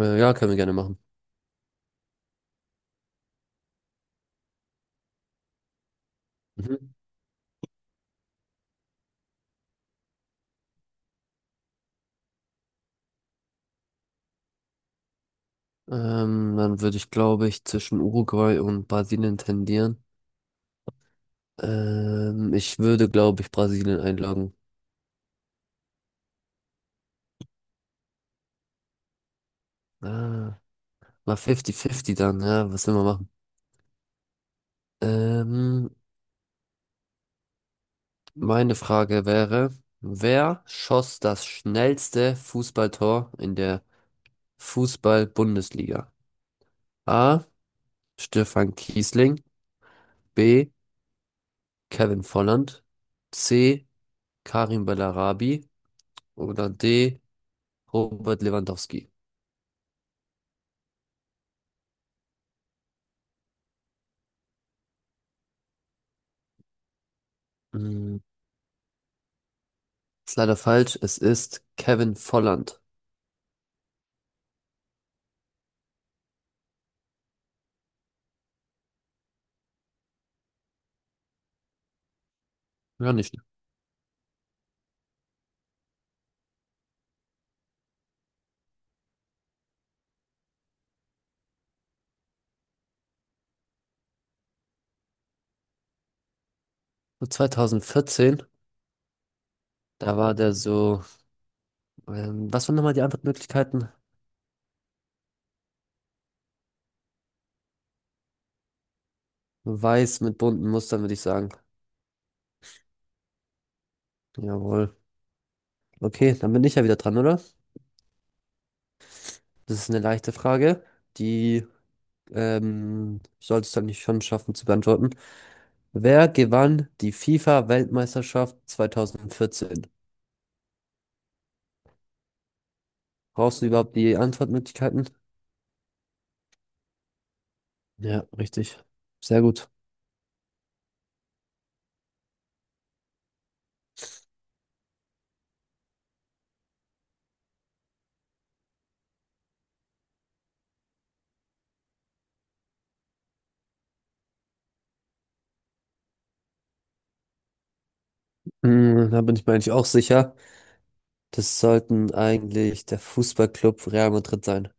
Ja, können wir gerne machen. Mhm. Dann würde ich, glaube ich, zwischen Uruguay und Brasilien tendieren. Ich würde, glaube ich, Brasilien einloggen. Ah, mal 50-50 dann, ja, was will man machen? Ähm, Meine Frage wäre: Wer schoss das schnellste Fußballtor in der Fußball-Bundesliga? A. Stefan Kiesling, B. Kevin Volland, C. Karim Bellarabi oder D. Robert Lewandowski. Hm, Ist leider falsch. Es ist Kevin Volland. Ja, nicht. So 2014, da war der so. Was waren nochmal die Antwortmöglichkeiten? Weiß mit bunten Mustern, würde ich sagen. Jawohl. Okay, dann bin ich ja wieder dran, oder? Das ist eine leichte Frage. Die solltest du eigentlich schon schaffen zu beantworten. Wer gewann die FIFA-Weltmeisterschaft 2014? Brauchst du überhaupt die Antwortmöglichkeiten? Ja, richtig. Sehr gut. Da bin ich mir eigentlich auch sicher. Das sollten eigentlich der Fußballclub Real Madrid sein.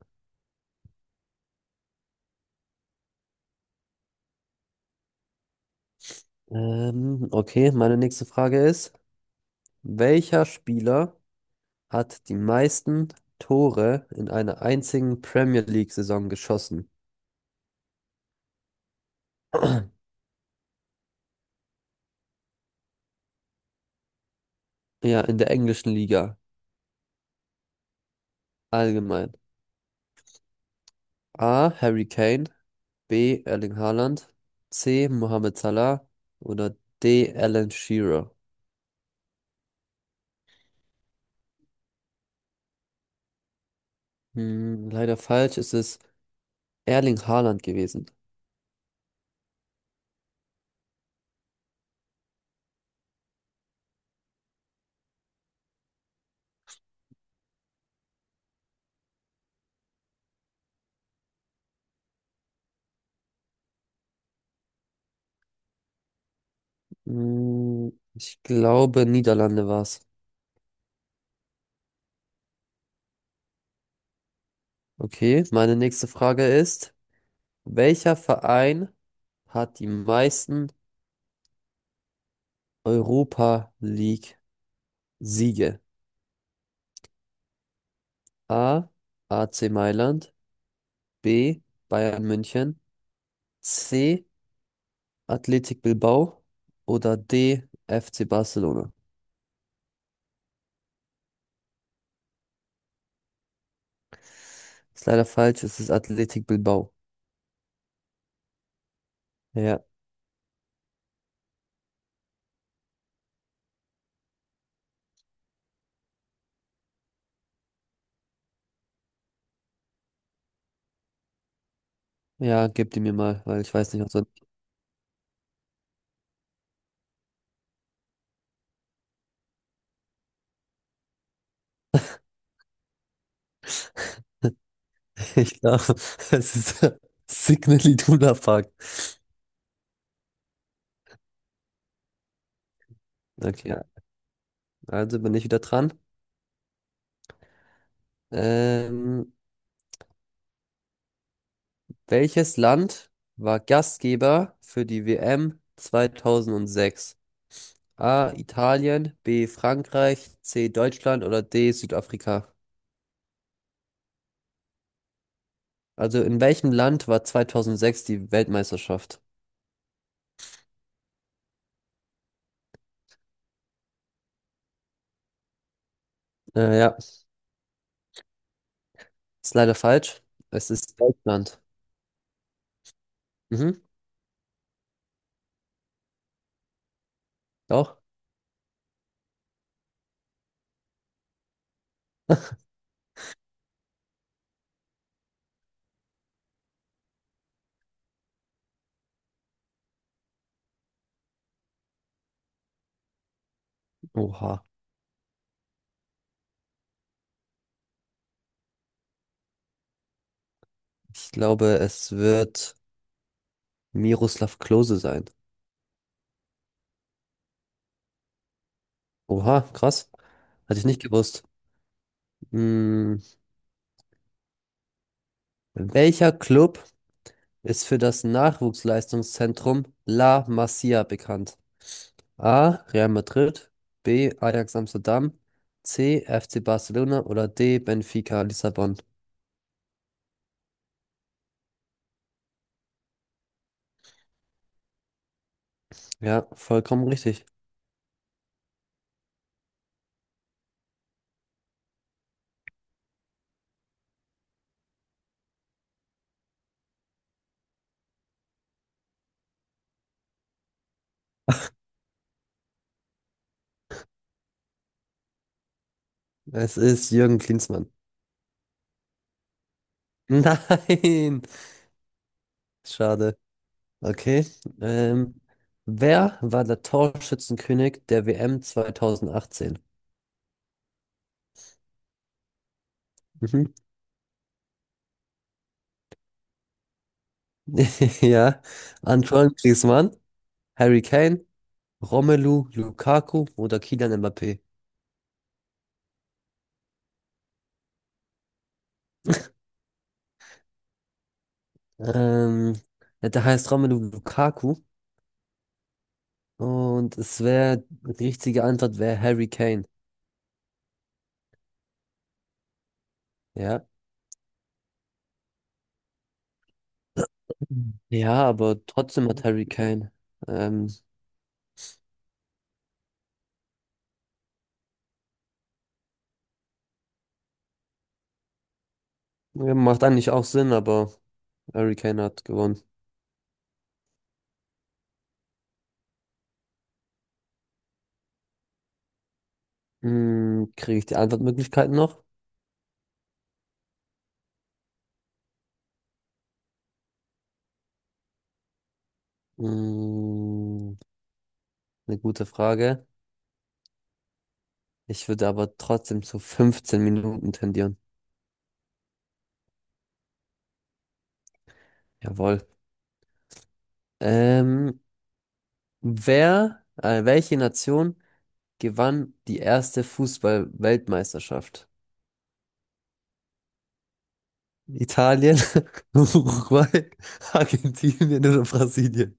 Okay, meine nächste Frage ist: Welcher Spieler hat die meisten Tore in einer einzigen Premier League-Saison geschossen? Ja, in der englischen Liga allgemein. A. Harry Kane, B. Erling Haaland, C. Mohamed Salah oder D. Alan Shearer. Leider falsch, es ist Erling Haaland gewesen. Ich glaube, Niederlande war's. Okay, meine nächste Frage ist: Welcher Verein hat die meisten Europa League Siege? A. AC Mailand, B. Bayern München, C. Athletic Bilbao oder D. FC Barcelona? Ist leider falsch, es ist Athletic Bilbao. Ja, ja, gib die mir mal, weil ich weiß nicht, ob so. Ich glaube, es ist Signal Iduna Park. Okay, also bin ich wieder dran. Ähm, Welches Land war Gastgeber für die WM 2006? A. Italien, B. Frankreich, C. Deutschland oder D. Südafrika? Also in welchem Land war 2006 die Weltmeisterschaft? Ja, ist leider falsch. Es ist Deutschland. Mhm, doch. Oha. Ich glaube, es wird Miroslav Klose sein. Oha, krass. Hatte ich nicht gewusst. Hm, Welcher Club ist für das Nachwuchsleistungszentrum La Masia bekannt? A. Real Madrid, B. Ajax Amsterdam, C. FC Barcelona oder D. Benfica Lissabon? Ja, vollkommen richtig. Es ist Jürgen Klinsmann. Nein! Schade. Okay. Ähm, Wer war der Torschützenkönig der WM 2018? Mhm. Ja, Antoine Griezmann, Harry Kane, Romelu Lukaku oder Kylian Mbappé? Ähm, ja, der heißt Romelu Lukaku, und es wäre, die richtige Antwort wäre Harry Kane. Ja. Hm. Ja, aber trotzdem hat Harry Kane. Ähm, ja, macht eigentlich auch Sinn, aber Harry Kane hat gewonnen. Kriege ich die Antwortmöglichkeiten noch? Hm, eine gute Frage. Ich würde aber trotzdem zu 15 Minuten tendieren. Jawohl. Ähm, Wer, welche Nation gewann die erste Fußball-Weltmeisterschaft? Italien, Uruguay, Argentinien oder Brasilien.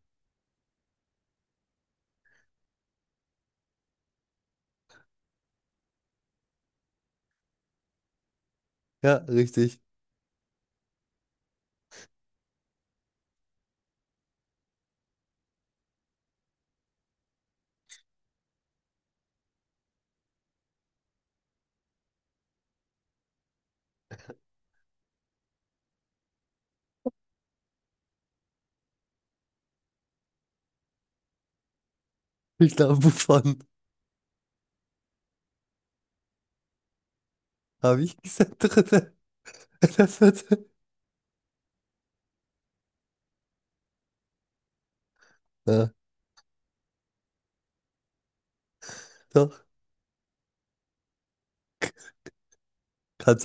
Ja, richtig. Ich glaube, Buffon. Habe ich gesagt, dritte oder vierte? Ja, doch. Hat